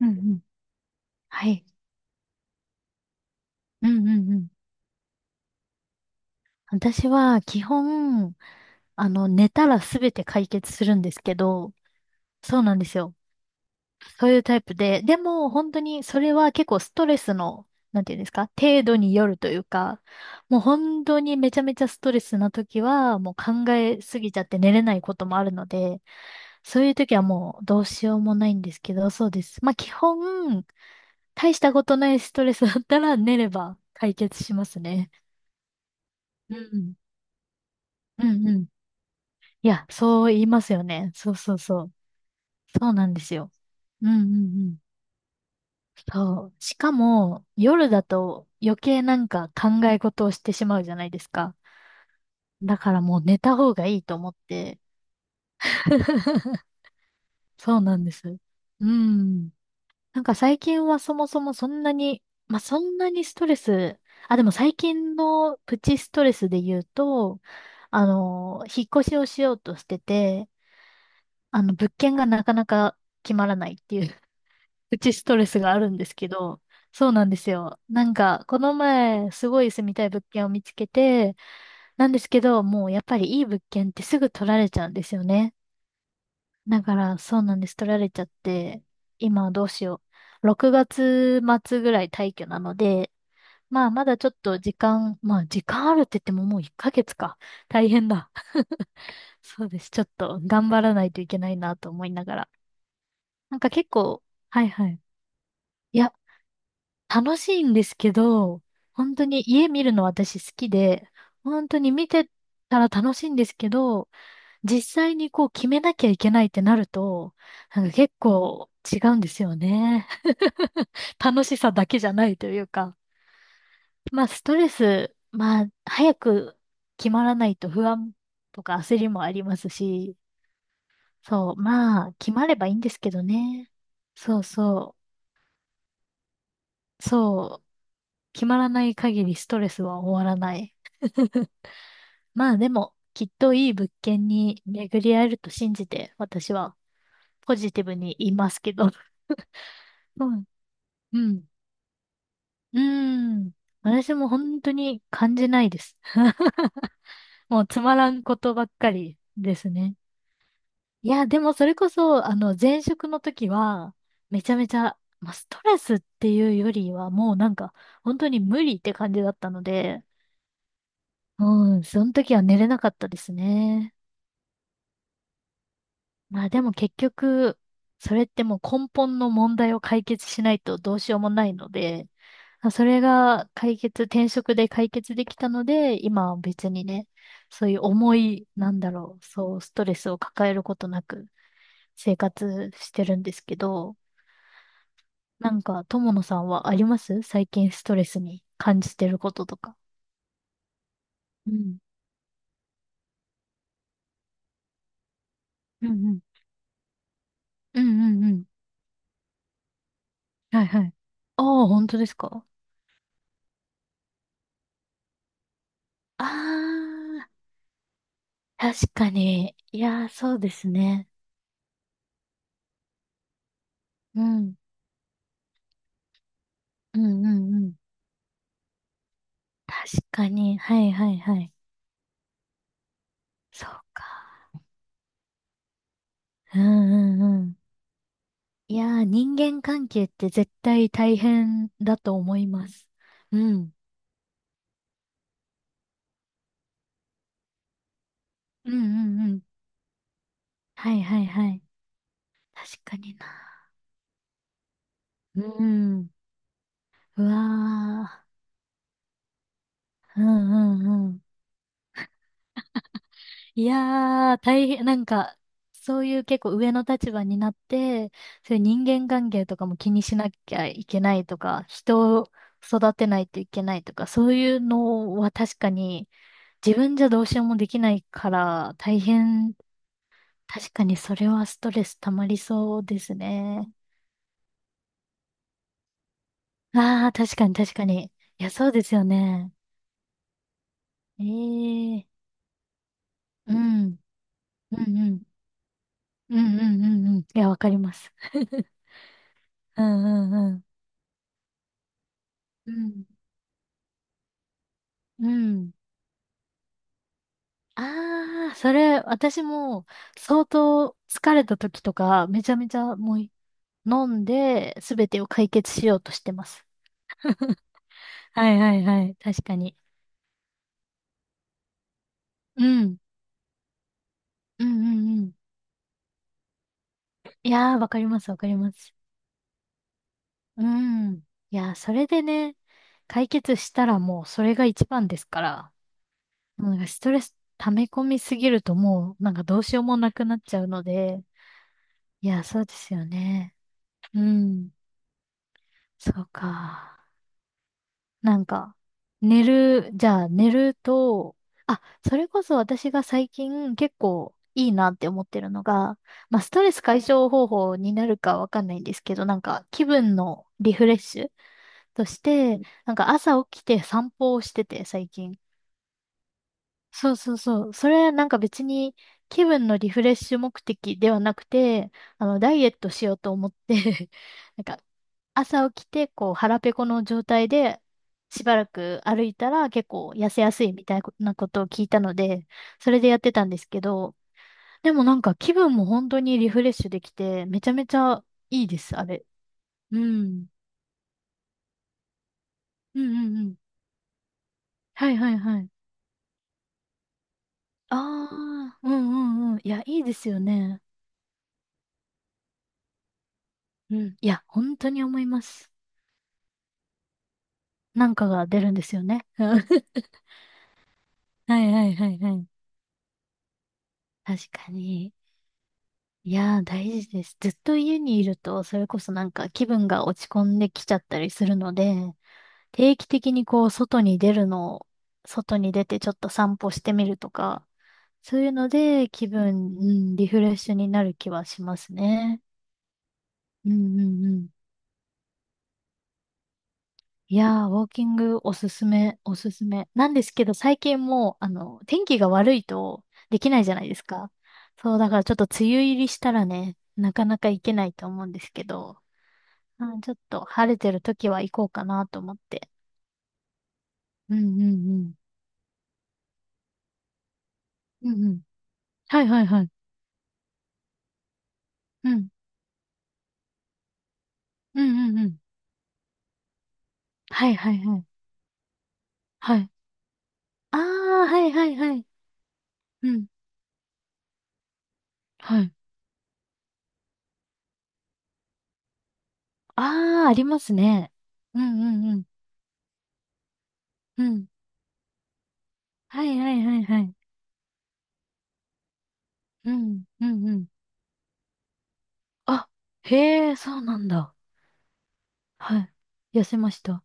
うんうん。はい。うんうんうん。私は基本、寝たらすべて解決するんですけど、そうなんですよ。そういうタイプで、でも本当にそれは結構ストレスの、なんていうんですか、程度によるというか、もう本当にめちゃめちゃストレスな時は、もう考えすぎちゃって寝れないこともあるので、そういう時はもうどうしようもないんですけど、そうです。まあ基本、大したことないストレスだったら寝れば解決しますね。うん。うんうん。いや、そう言いますよね。そうそうそう。そうなんですよ。うんうんうん。そう。しかも、夜だと余計なんか考え事をしてしまうじゃないですか。だからもう寝た方がいいと思って。そうなんです。うん。なんか最近はそもそもそんなに、まあ、そんなにストレス、あ、でも最近のプチストレスで言うと、引っ越しをしようとしてて、物件がなかなか決まらないっていう うちストレスがあるんですけど、そうなんですよ。なんか、この前、すごい住みたい物件を見つけて、なんですけど、もうやっぱりいい物件ってすぐ取られちゃうんですよね。だから、そうなんです。取られちゃって、今どうしよう。6月末ぐらい退去なので、まあ、まだちょっと時間、まあ、時間あるって言ってももう1ヶ月か。大変だ。そうです。ちょっと頑張らないといけないなと思いながら。なんか結構、はいはい。いや、楽しいんですけど、本当に家見るの私好きで、本当に見てたら楽しいんですけど、実際にこう決めなきゃいけないってなると、なんか結構違うんですよね。楽しさだけじゃないというか。まあストレス、まあ早く決まらないと不安とか焦りもありますし、そう、まあ決まればいいんですけどね。そうそそう、決まらない限りストレスは終わらない。まあでも、きっといい物件に巡り合えると信じて、私はポジティブに言いますけど。うん。うん。うん。私も本当に感じないです。もうつまらんことばっかりですね。いや、でもそれこそ、前職の時は、めちゃめちゃ、まあ、ストレスっていうよりは、もうなんか、本当に無理って感じだったので、うん、その時は寝れなかったですね。まあでも結局、それってもう根本の問題を解決しないとどうしようもないので、まあそれが解決、転職で解決できたので、今は別にね、そういう重い、なんだろう、そう、ストレスを抱えることなく生活してるんですけど、なんか、友野さんはあります最近ストレスに感じてることとか。うん。うんうん。うんうんうん。はいはい。ああ、本当ですかああー、確かに。いやー、そうですね。うん。うんうんうん。確かに。はいはいはい。そうか。うんうんうん。いやー、人間関係って絶対大変だと思います。うん。うんうんうん。はいはいはい。確かにな。うん。うわー。うんうんうん。いやー、大変、なんか、そういう結構上の立場になって、そういう人間関係とかも気にしなきゃいけないとか、人を育てないといけないとか、そういうのは確かに自分じゃどうしようもできないから大変、確かにそれはストレス溜まりそうですね。ああ、確かに確かに。いや、そうですよね。ええー、うん、うんうん、うんうんうんうん。いや、わかります。うんうんうん。うんうん。ああ、それ、私も相当疲れた時とか、めちゃめちゃもう飲んで、すべてを解決しようとしてます。はいはいはい、確かに。うん。うんうんうん。いやー、わかりますわかります。うん。いやー、それでね、解決したらもうそれが一番ですから、もうなんかストレス溜め込みすぎるともうなんかどうしようもなくなっちゃうので、いやー、そうですよね。うん。そうか。なんか、寝る、じゃあ寝ると、あ、それこそ私が最近結構いいなって思ってるのが、まあストレス解消方法になるかわかんないんですけど、なんか気分のリフレッシュとして、なんか朝起きて散歩をしてて最近。そうそうそう。それなんか別に気分のリフレッシュ目的ではなくて、ダイエットしようと思って なんか朝起きて、こう、腹ペコの状態で、しばらく歩いたら結構痩せやすいみたいなことを聞いたので、それでやってたんですけど、でもなんか気分も本当にリフレッシュできて、めちゃめちゃいいです、あれ。うん。うんうんうん。はいはいはい。ああ、うんうんうん。いや、いいですよね。うん。いや、本当に思います。なんかが出るんですよね。はいはいはいはい。確かに。いやー、大事です。ずっと家にいると、それこそなんか気分が落ち込んできちゃったりするので、定期的にこう、外に出るのを、外に出てちょっと散歩してみるとか、そういうので気分、うん、リフレッシュになる気はしますね。うんうんうん。いやー、ウォーキングおすすめ、おすすめ。なんですけど、最近もう、天気が悪いとできないじゃないですか。そう、だからちょっと梅雨入りしたらね、なかなか行けないと思うんですけど、うちょっと晴れてる時は行こうかなと思って。うんうんうん。うんうん。はいはいはい。うん。うんうんうん。はいはいはい。はい。ああ、はいはいはい。うん。はい。ああ、ありますね。うんうんうん。うん。はいはいはいはい。うん。うんうん。あ、へえ、そうなんだ。はい。痩せました。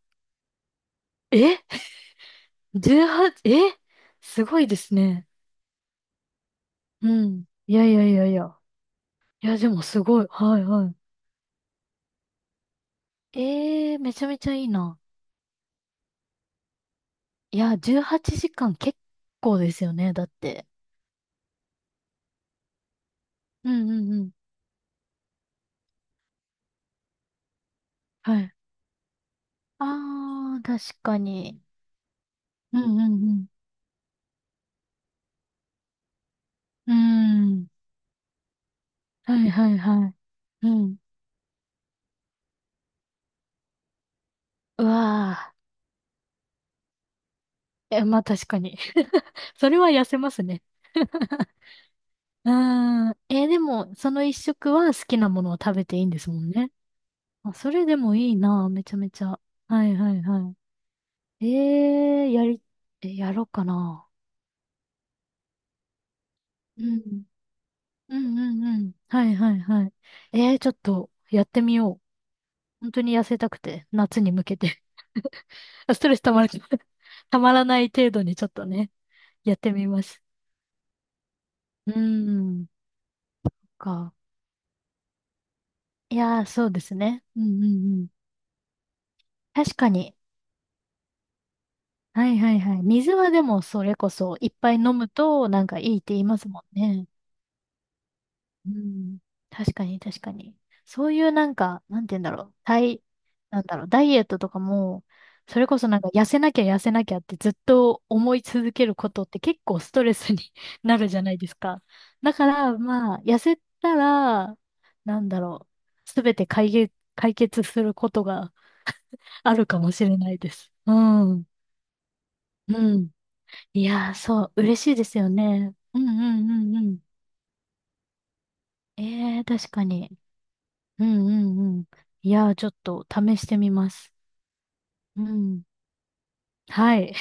え ?18、えすごいですね。うん。いやいやいやいや。いや、でもすごい。はいはい。ええ、めちゃめちゃいいな。いや、18時間結構ですよね、だって。うんうんうん。はい。ああ、確かに。うんうんうん。うーん。はいはいはい。うん。うわー。え、まあ確かに。それは痩せますね。うーん。えーでも、その一食は好きなものを食べていいんですもんね。あ、それでもいいな、めちゃめちゃ。はいはいはい。えー、やり、えやろうかな。うん。うんうんうん。はいはいはい。えー、ちょっとやってみよう。本当に痩せたくて、夏に向けて。ストレスたまらない、たまらない程度にちょっとね、やってみます。うーん、か。いやー、そうですね。うんうんうん。確かに。はいはいはい。水はでもそれこそいっぱい飲むとなんかいいって言いますもんね。うん。確かに、確かに。そういうなんか、なんて言うんだろう。体、なんだろう。ダイエットとかも、それこそなんか痩せなきゃ痩せなきゃってずっと思い続けることって結構ストレスに なるじゃないですか。だから、まあ、痩せたら、なんだろう。すべて解決することがあるかもしれないです。うん。うん。いやー、そう、嬉しいですよね。うんうんうんうん。ええー、確かに。うんうんうん。いやー、ちょっと試してみます。うん。はい。